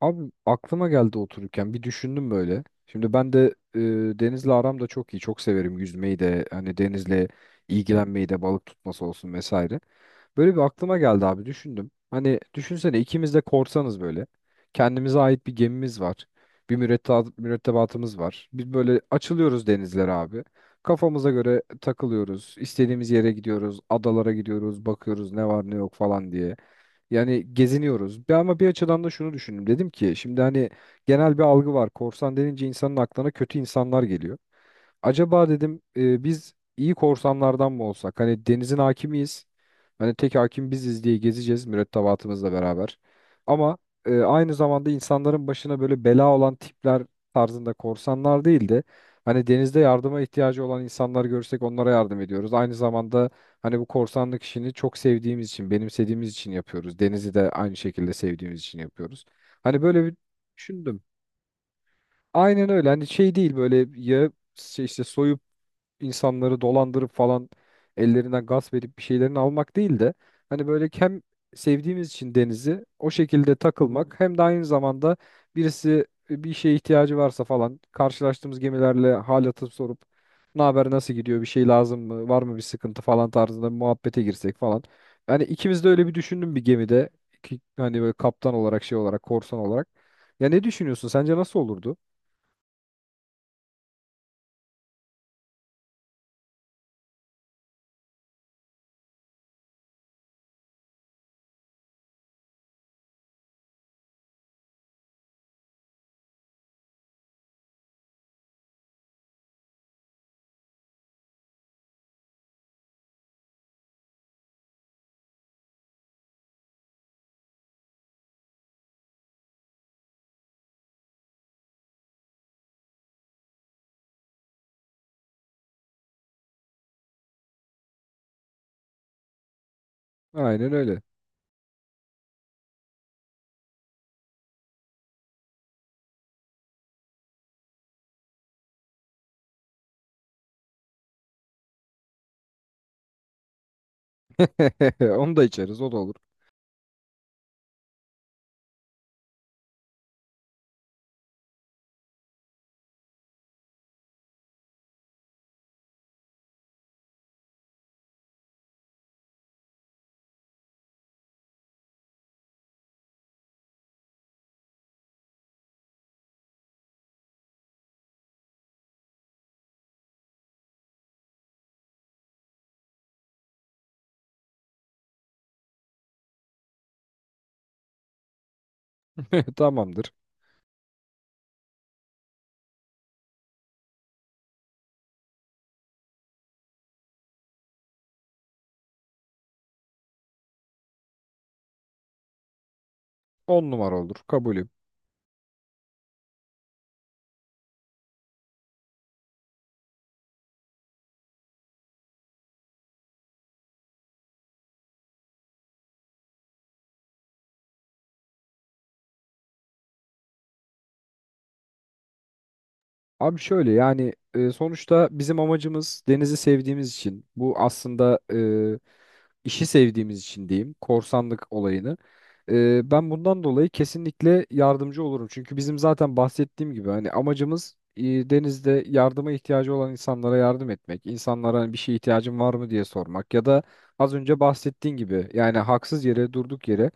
Abi aklıma geldi otururken bir düşündüm böyle. Şimdi ben de denizle aram da çok iyi. Çok severim yüzmeyi de hani denizle ilgilenmeyi de balık tutması olsun vesaire. Böyle bir aklıma geldi abi düşündüm. Hani düşünsene ikimiz de korsanız böyle. Kendimize ait bir gemimiz var. Bir mürettebatımız var. Biz böyle açılıyoruz denizlere abi. Kafamıza göre takılıyoruz. İstediğimiz yere gidiyoruz. Adalara gidiyoruz. Bakıyoruz ne var ne yok falan diye. Yani geziniyoruz. Ama bir açıdan da şunu düşündüm. Dedim ki şimdi hani genel bir algı var. Korsan denince insanın aklına kötü insanlar geliyor. Acaba dedim biz iyi korsanlardan mı olsak? Hani denizin hakimiyiz. Hani tek hakim biziz diye gezeceğiz mürettebatımızla beraber. Ama aynı zamanda insanların başına böyle bela olan tipler tarzında korsanlar değil de, hani denizde yardıma ihtiyacı olan insanlar görsek onlara yardım ediyoruz. Aynı zamanda hani bu korsanlık işini çok sevdiğimiz için, benimsediğimiz için yapıyoruz. Denizi de aynı şekilde sevdiğimiz için yapıyoruz. Hani böyle bir düşündüm. Aynen öyle. Hani şey değil, böyle ya şey işte soyup insanları dolandırıp falan, ellerinden gasp edip bir şeylerini almak değil de hani böyle hem sevdiğimiz için denizi o şekilde takılmak hem de aynı zamanda birisi bir şeye ihtiyacı varsa falan karşılaştığımız gemilerle hal atıp sorup ne haber, nasıl gidiyor, bir şey lazım mı, var mı bir sıkıntı falan tarzında bir muhabbete girsek falan. Yani ikimiz de öyle bir düşündüm bir gemide ki hani böyle kaptan olarak şey olarak korsan olarak. Ya ne düşünüyorsun? Sence nasıl olurdu? Aynen öyle. Onu da içeriz, o da olur. Tamamdır. 10 numara olur. Kabulüm. Abi şöyle yani sonuçta bizim amacımız denizi sevdiğimiz için bu aslında, işi sevdiğimiz için diyeyim korsanlık olayını. Ben bundan dolayı kesinlikle yardımcı olurum. Çünkü bizim zaten bahsettiğim gibi hani amacımız denizde yardıma ihtiyacı olan insanlara yardım etmek. İnsanlara hani bir şeye ihtiyacın var mı diye sormak ya da az önce bahsettiğin gibi. Yani haksız yere, durduk yere,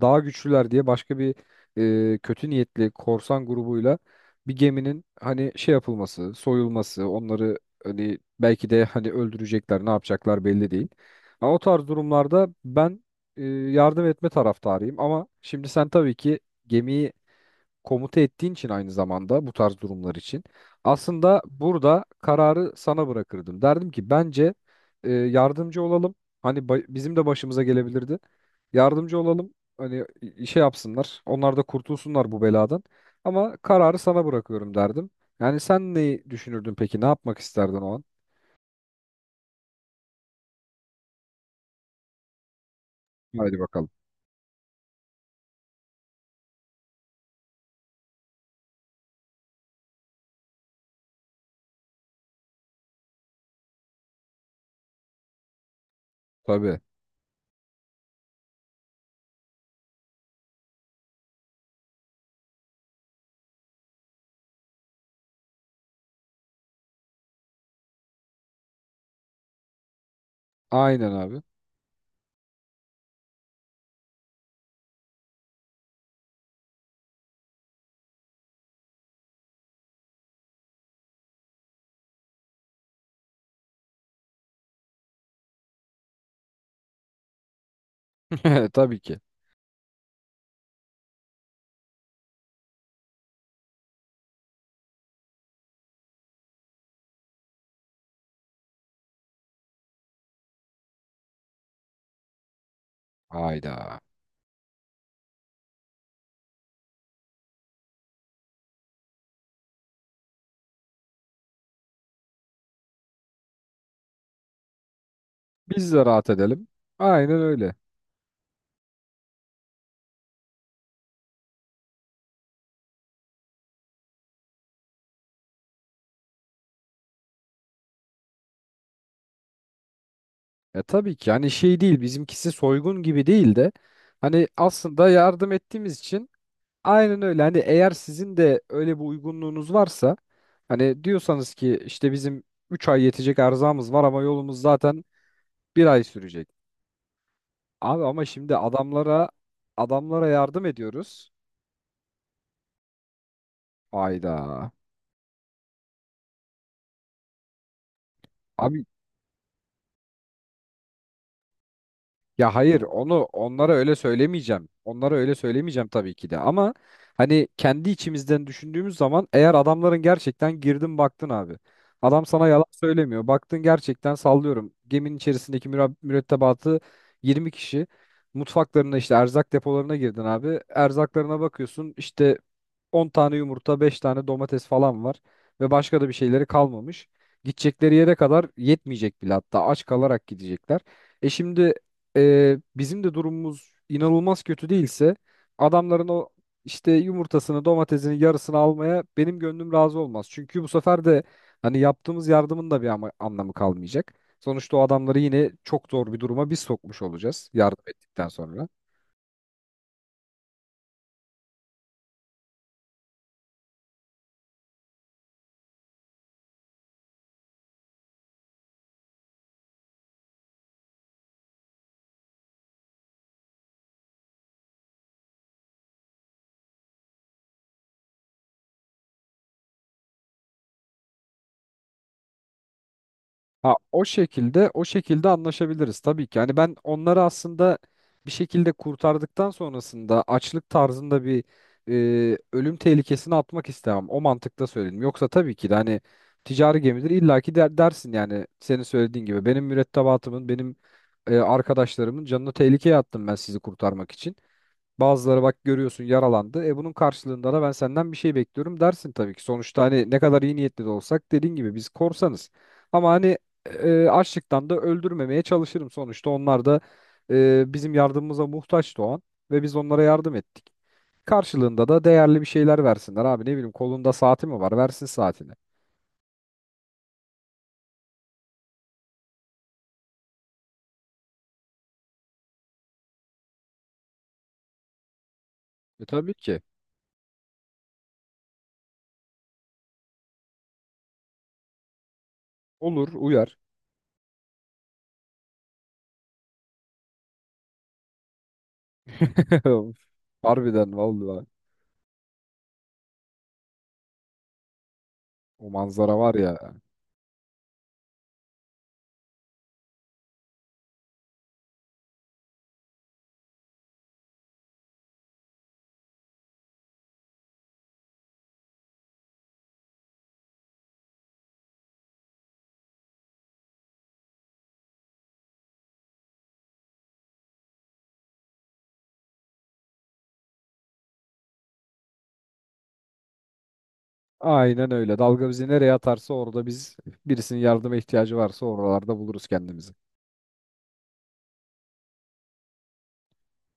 daha güçlüler diye başka bir kötü niyetli korsan grubuyla bir geminin hani şey yapılması, soyulması, onları hani belki de hani öldürecekler, ne yapacaklar belli değil. Ama o tarz durumlarda ben yardım etme taraftarıyım. Ama şimdi sen tabii ki gemiyi komuta ettiğin için aynı zamanda bu tarz durumlar için aslında burada kararı sana bırakırdım. Derdim ki bence yardımcı olalım. Hani bizim de başımıza gelebilirdi. Yardımcı olalım. Hani şey yapsınlar. Onlar da kurtulsunlar bu beladan. Ama kararı sana bırakıyorum derdim. Yani sen neyi düşünürdün peki? Ne yapmak isterdin o an? Haydi bakalım. Tabii. Aynen abi. Tabii ki. Hayda. Biz de rahat edelim. Aynen öyle. Ya tabii ki hani şey değil, bizimkisi soygun gibi değil de hani aslında yardım ettiğimiz için aynen öyle. Hani eğer sizin de öyle bir uygunluğunuz varsa hani diyorsanız ki işte bizim 3 ay yetecek erzağımız var ama yolumuz zaten bir ay sürecek. Abi ama şimdi adamlara, adamlara yardım ediyoruz. Ayda. Abi ya hayır, onu onlara öyle söylemeyeceğim. Onlara öyle söylemeyeceğim tabii ki de ama hani kendi içimizden düşündüğümüz zaman eğer adamların gerçekten girdin baktın abi. Adam sana yalan söylemiyor. Baktın gerçekten sallıyorum. Geminin içerisindeki mürettebatı 20 kişi. Mutfaklarına işte erzak depolarına girdin abi. Erzaklarına bakıyorsun işte 10 tane yumurta, 5 tane domates falan var ve başka da bir şeyleri kalmamış. Gidecekleri yere kadar yetmeyecek bile, hatta aç kalarak gidecekler. E şimdi, bizim de durumumuz inanılmaz kötü değilse adamların o işte yumurtasını, domatesini, yarısını almaya benim gönlüm razı olmaz. Çünkü bu sefer de hani yaptığımız yardımın da bir anlamı kalmayacak. Sonuçta o adamları yine çok zor bir duruma biz sokmuş olacağız yardım ettikten sonra. Ha, o şekilde o şekilde anlaşabiliriz tabii ki. Yani ben onları aslında bir şekilde kurtardıktan sonrasında açlık tarzında bir ölüm tehlikesini atmak istemem. O mantıkta söyledim. Yoksa tabii ki de hani ticari gemidir illaki dersin yani senin söylediğin gibi. Benim mürettebatımın, benim arkadaşlarımın canını tehlikeye attım ben sizi kurtarmak için. Bazıları bak görüyorsun yaralandı. E bunun karşılığında da ben senden bir şey bekliyorum dersin tabii ki. Sonuçta hani ne kadar iyi niyetli de olsak, dediğin gibi biz korsanız. Ama hani açlıktan da öldürmemeye çalışırım sonuçta. Onlar da bizim yardımımıza muhtaçtı o an ve biz onlara yardım ettik. Karşılığında da değerli bir şeyler versinler abi, ne bileyim, kolunda saati mi var versin saatini. E tabii ki olur, uyar. Harbiden vallahi o manzara var ya. Aynen öyle. Dalga bizi nereye atarsa orada biz, birisinin yardıma ihtiyacı varsa oralarda buluruz kendimizi.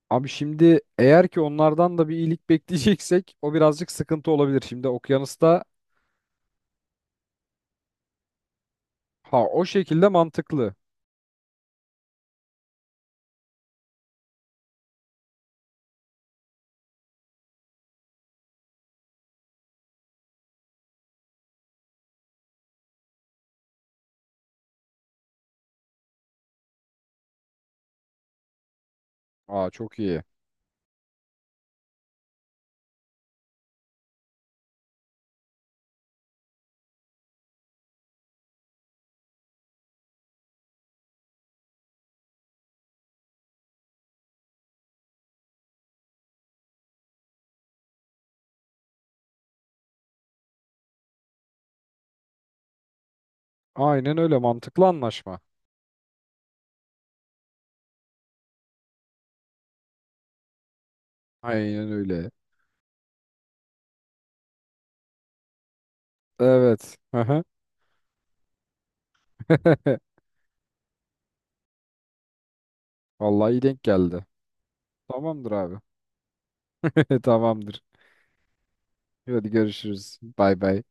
Abi şimdi eğer ki onlardan da bir iyilik bekleyeceksek o birazcık sıkıntı olabilir. Şimdi okyanusta, ha o şekilde mantıklı. Aa çok iyi. Aynen öyle, mantıklı anlaşma. Aynen öyle. Evet. Hı hı. Vallahi iyi denk geldi. Tamamdır abi. Tamamdır. Hadi görüşürüz. Bay bay.